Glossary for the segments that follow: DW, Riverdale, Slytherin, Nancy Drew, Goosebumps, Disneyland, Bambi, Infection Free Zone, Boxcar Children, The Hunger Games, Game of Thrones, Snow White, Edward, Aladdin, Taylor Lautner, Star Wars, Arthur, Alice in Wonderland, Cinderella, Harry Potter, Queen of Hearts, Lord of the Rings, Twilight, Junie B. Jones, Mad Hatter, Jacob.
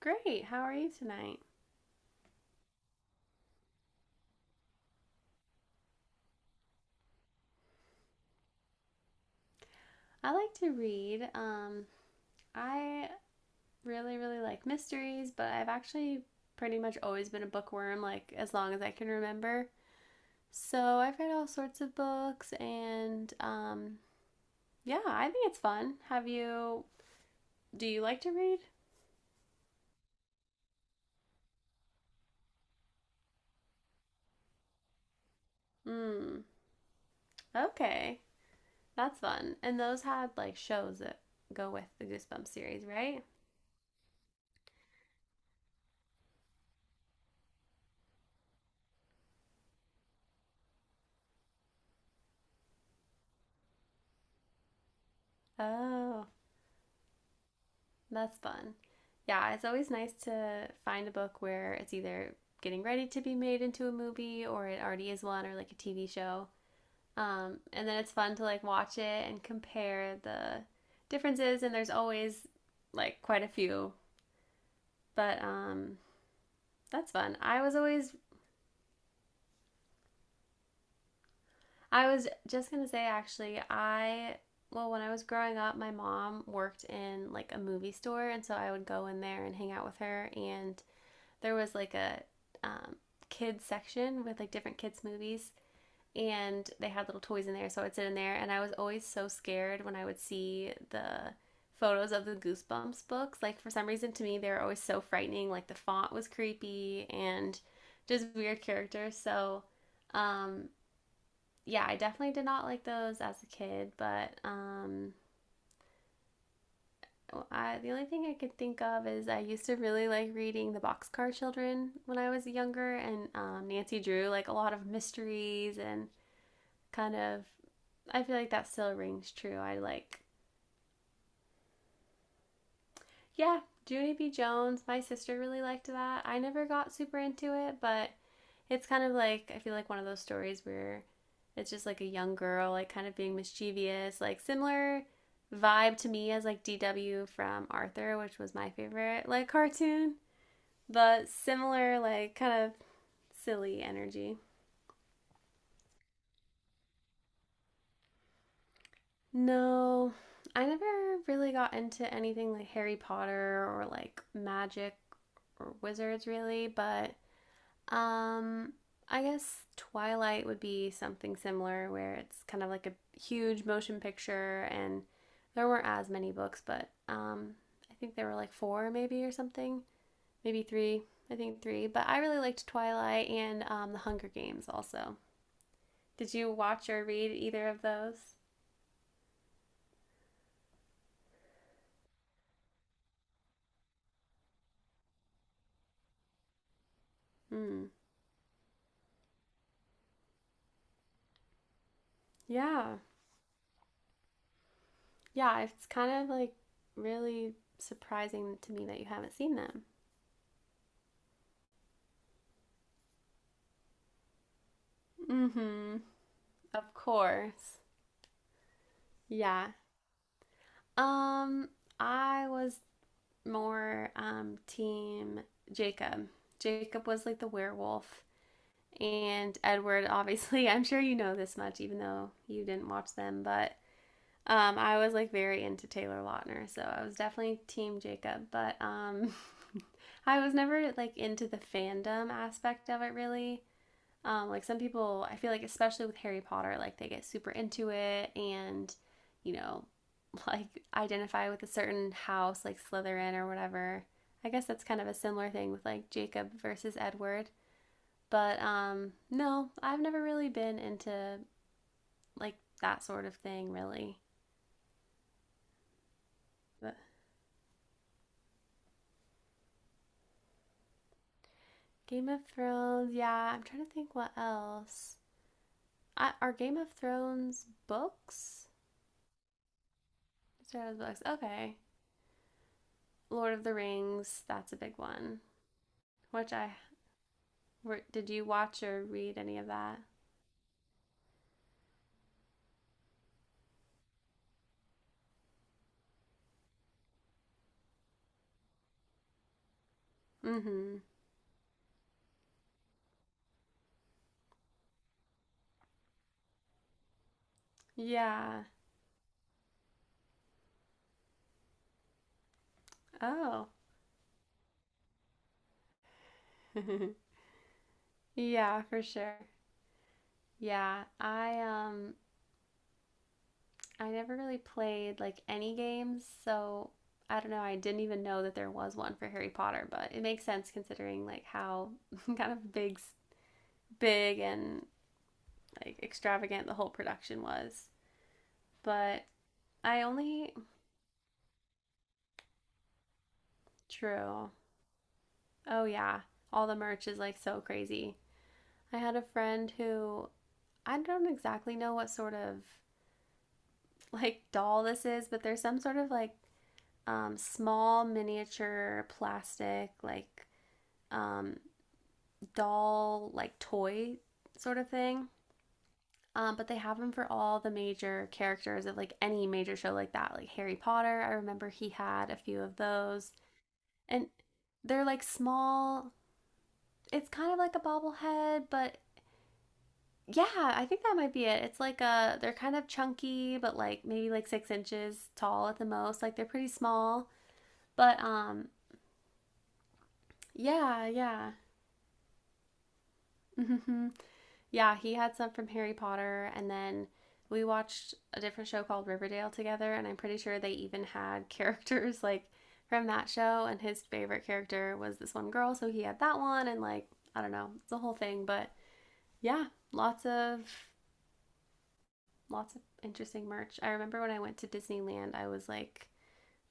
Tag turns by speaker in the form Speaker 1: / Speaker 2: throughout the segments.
Speaker 1: Great. How are you tonight? I like to read. I really, really like mysteries, but I've actually pretty much always been a bookworm, like as long as I can remember. So I've read all sorts of books, and yeah, I think it's fun. Have you? Do you like to read? Hmm. Okay, that's fun. And those had like shows that go with the Goosebumps series, right? Oh, that's fun. Yeah, it's always nice to find a book where it's either getting ready to be made into a movie or it already is one or like a TV show. And then it's fun to like watch it and compare the differences and there's always like quite a few. But that's fun. I was just going to say actually I well, when I was growing up my mom worked in like a movie store and so I would go in there and hang out with her and there was like a um, kids section with like different kids movies and they had little toys in there so I'd sit in there and I was always so scared when I would see the photos of the Goosebumps books, like for some reason to me they were always so frightening, like the font was creepy and just weird characters. So um yeah, I definitely did not like those as a kid, but oh, the only thing I could think of is I used to really like reading the Boxcar Children when I was younger, and Nancy Drew, like a lot of mysteries and kind of. I feel like that still rings true. Yeah, Junie B. Jones. My sister really liked that. I never got super into it, but it's kind of like I feel like one of those stories where it's just like a young girl, like kind of being mischievous, like similar vibe to me as like DW from Arthur, which was my favorite like cartoon. But similar, like kind of silly energy. No, I never really got into anything like Harry Potter or like magic or wizards really, but um I guess Twilight would be something similar where it's kind of like a huge motion picture and there weren't as many books, but I think there were like 4 maybe or something, maybe 3. I think 3, but I really liked Twilight and The Hunger Games also. Did you watch or read either of those? Mm. Yeah. Yeah, it's kind of like really surprising to me that you haven't seen them. Mm-hmm. Of course. Yeah. Um, I was more team Jacob. Jacob was like the werewolf and Edward obviously, I'm sure you know this much even though you didn't watch them, but I was like very into Taylor Lautner, so I was definitely Team Jacob, but I was never like into the fandom aspect of it really. Like some people, I feel like especially with Harry Potter, like they get super into it and you know, like identify with a certain house, like Slytherin or whatever. I guess that's kind of a similar thing with like Jacob versus Edward. But no, I've never really been into like that sort of thing, really. But Game of Thrones. Yeah, I'm trying to think what else. Are Game of Thrones books? Star Wars books. Okay. Lord of the Rings. That's a big one. Which I did you watch or read any of that? Mm-hmm. Yeah. Oh. Yeah, for sure. Yeah. I never really played like any games, so I don't know. I didn't even know that there was one for Harry Potter, but it makes sense considering like how kind of big and like extravagant the whole production was. But I only. True. Oh yeah, all the merch is like so crazy. I had a friend who I don't exactly know what sort of like doll this is, but there's some sort of like small miniature plastic like um, doll like toy sort of thing. But they have him for all the major characters of like any major show like that, like Harry Potter. I remember he had a few of those, and they're like small. It's kind of like a bobblehead, but yeah, I think that might be it. It's like a, they're kind of chunky, but like maybe like 6 inches tall at the most. Like they're pretty small, but yeah, yeah. Yeah, he had some from Harry Potter, and then we watched a different show called Riverdale together, and I'm pretty sure they even had characters like from that show, and his favorite character was this one girl, so he had that one, and like I don't know, it's a whole thing, but yeah, lots of lots of interesting merch. I remember when I went to Disneyland, I was like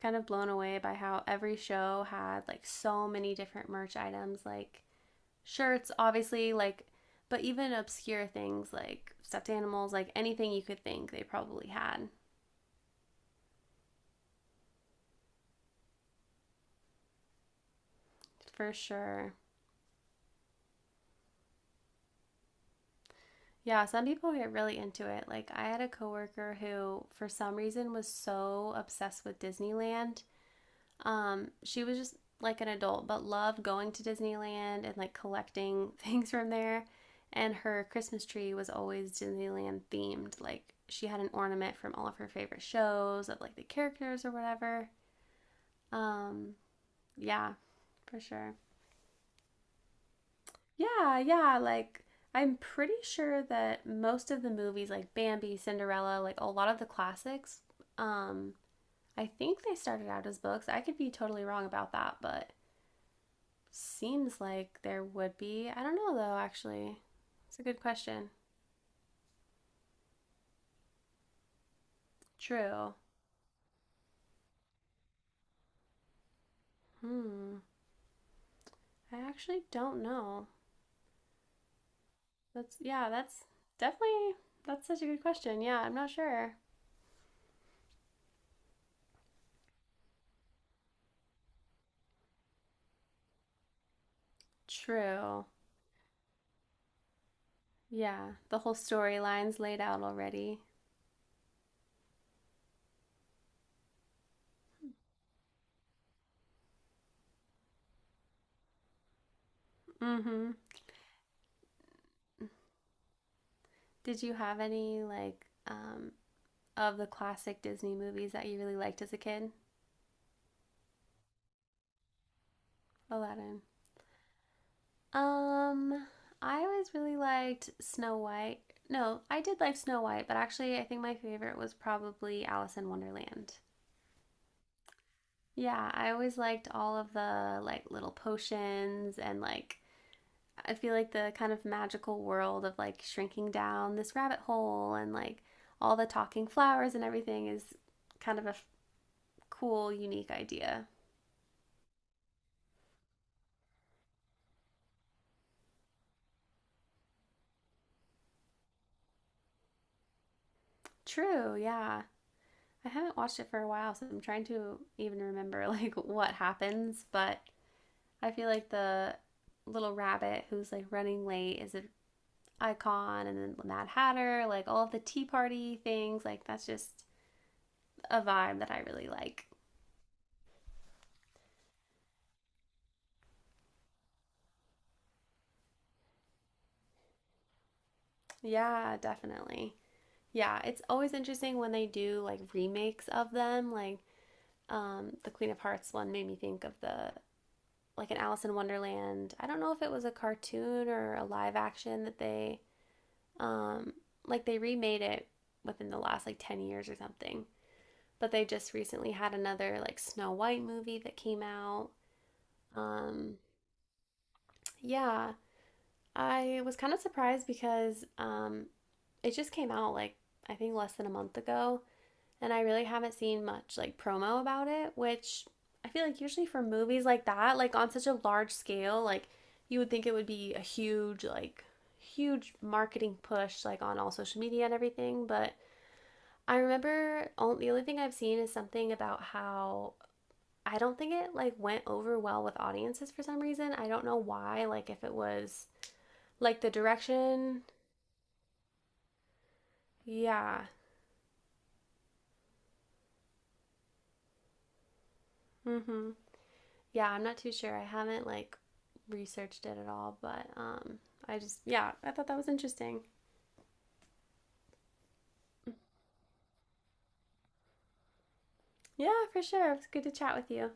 Speaker 1: kind of blown away by how every show had like so many different merch items, like shirts, obviously, like, but even obscure things like stuffed animals, like anything you could think, they probably had. For sure. Yeah, some people get really into it. Like, I had a coworker who, for some reason, was so obsessed with Disneyland. She was just like an adult, but loved going to Disneyland and like collecting things from there. And her Christmas tree was always Disneyland themed. Like, she had an ornament from all of her favorite shows of like the characters or whatever. Um, Yeah, for sure. Yeah, yeah. Like, I'm pretty sure that most of the movies, like Bambi, Cinderella, like a lot of the classics, um, I think they started out as books. I could be totally wrong about that, but seems like there would be. I don't know, though, actually. It's a good question. True. Hmm. I actually don't know. That's, yeah, that's definitely, that's such a good question. Yeah, I'm not sure. True. Yeah, the whole storyline's laid out already. Mm-hmm. Did you have any like of the classic Disney movies that you really liked as a kid? Aladdin. Um, I always really liked Snow White. No, I did like Snow White, but actually I think my favorite was probably Alice in Wonderland. Yeah, I always liked all of the like little potions and like I feel like the kind of magical world of like shrinking down this rabbit hole and like all the talking flowers and everything is kind of a cool, unique idea. True, yeah. I haven't watched it for a while, so I'm trying to even remember like what happens, but I feel like the little rabbit who's like running late is an icon and then the Mad Hatter, like all of the tea party things, like that's just a vibe that I really like. Yeah, definitely. Yeah, it's always interesting when they do like remakes of them, like the Queen of Hearts one made me think of the like an Alice in Wonderland. I don't know if it was a cartoon or a live action that they um like they remade it within the last like 10 years or something. But they just recently had another like Snow White movie that came out. Um yeah, I was kind of surprised because it just came out like I think less than a month ago and I really haven't seen much like promo about it, which I feel like usually for movies like that, like on such a large scale, like you would think it would be a huge like huge marketing push like on all social media and everything, but I remember only, the only thing I've seen is something about how I don't think it like went over well with audiences for some reason. I don't know why, like if it was like the direction. Yeah. Mhm. Yeah, I'm not too sure. I haven't like researched it at all, but I just yeah, I thought that was interesting. Yeah, for sure. It was good to chat with you.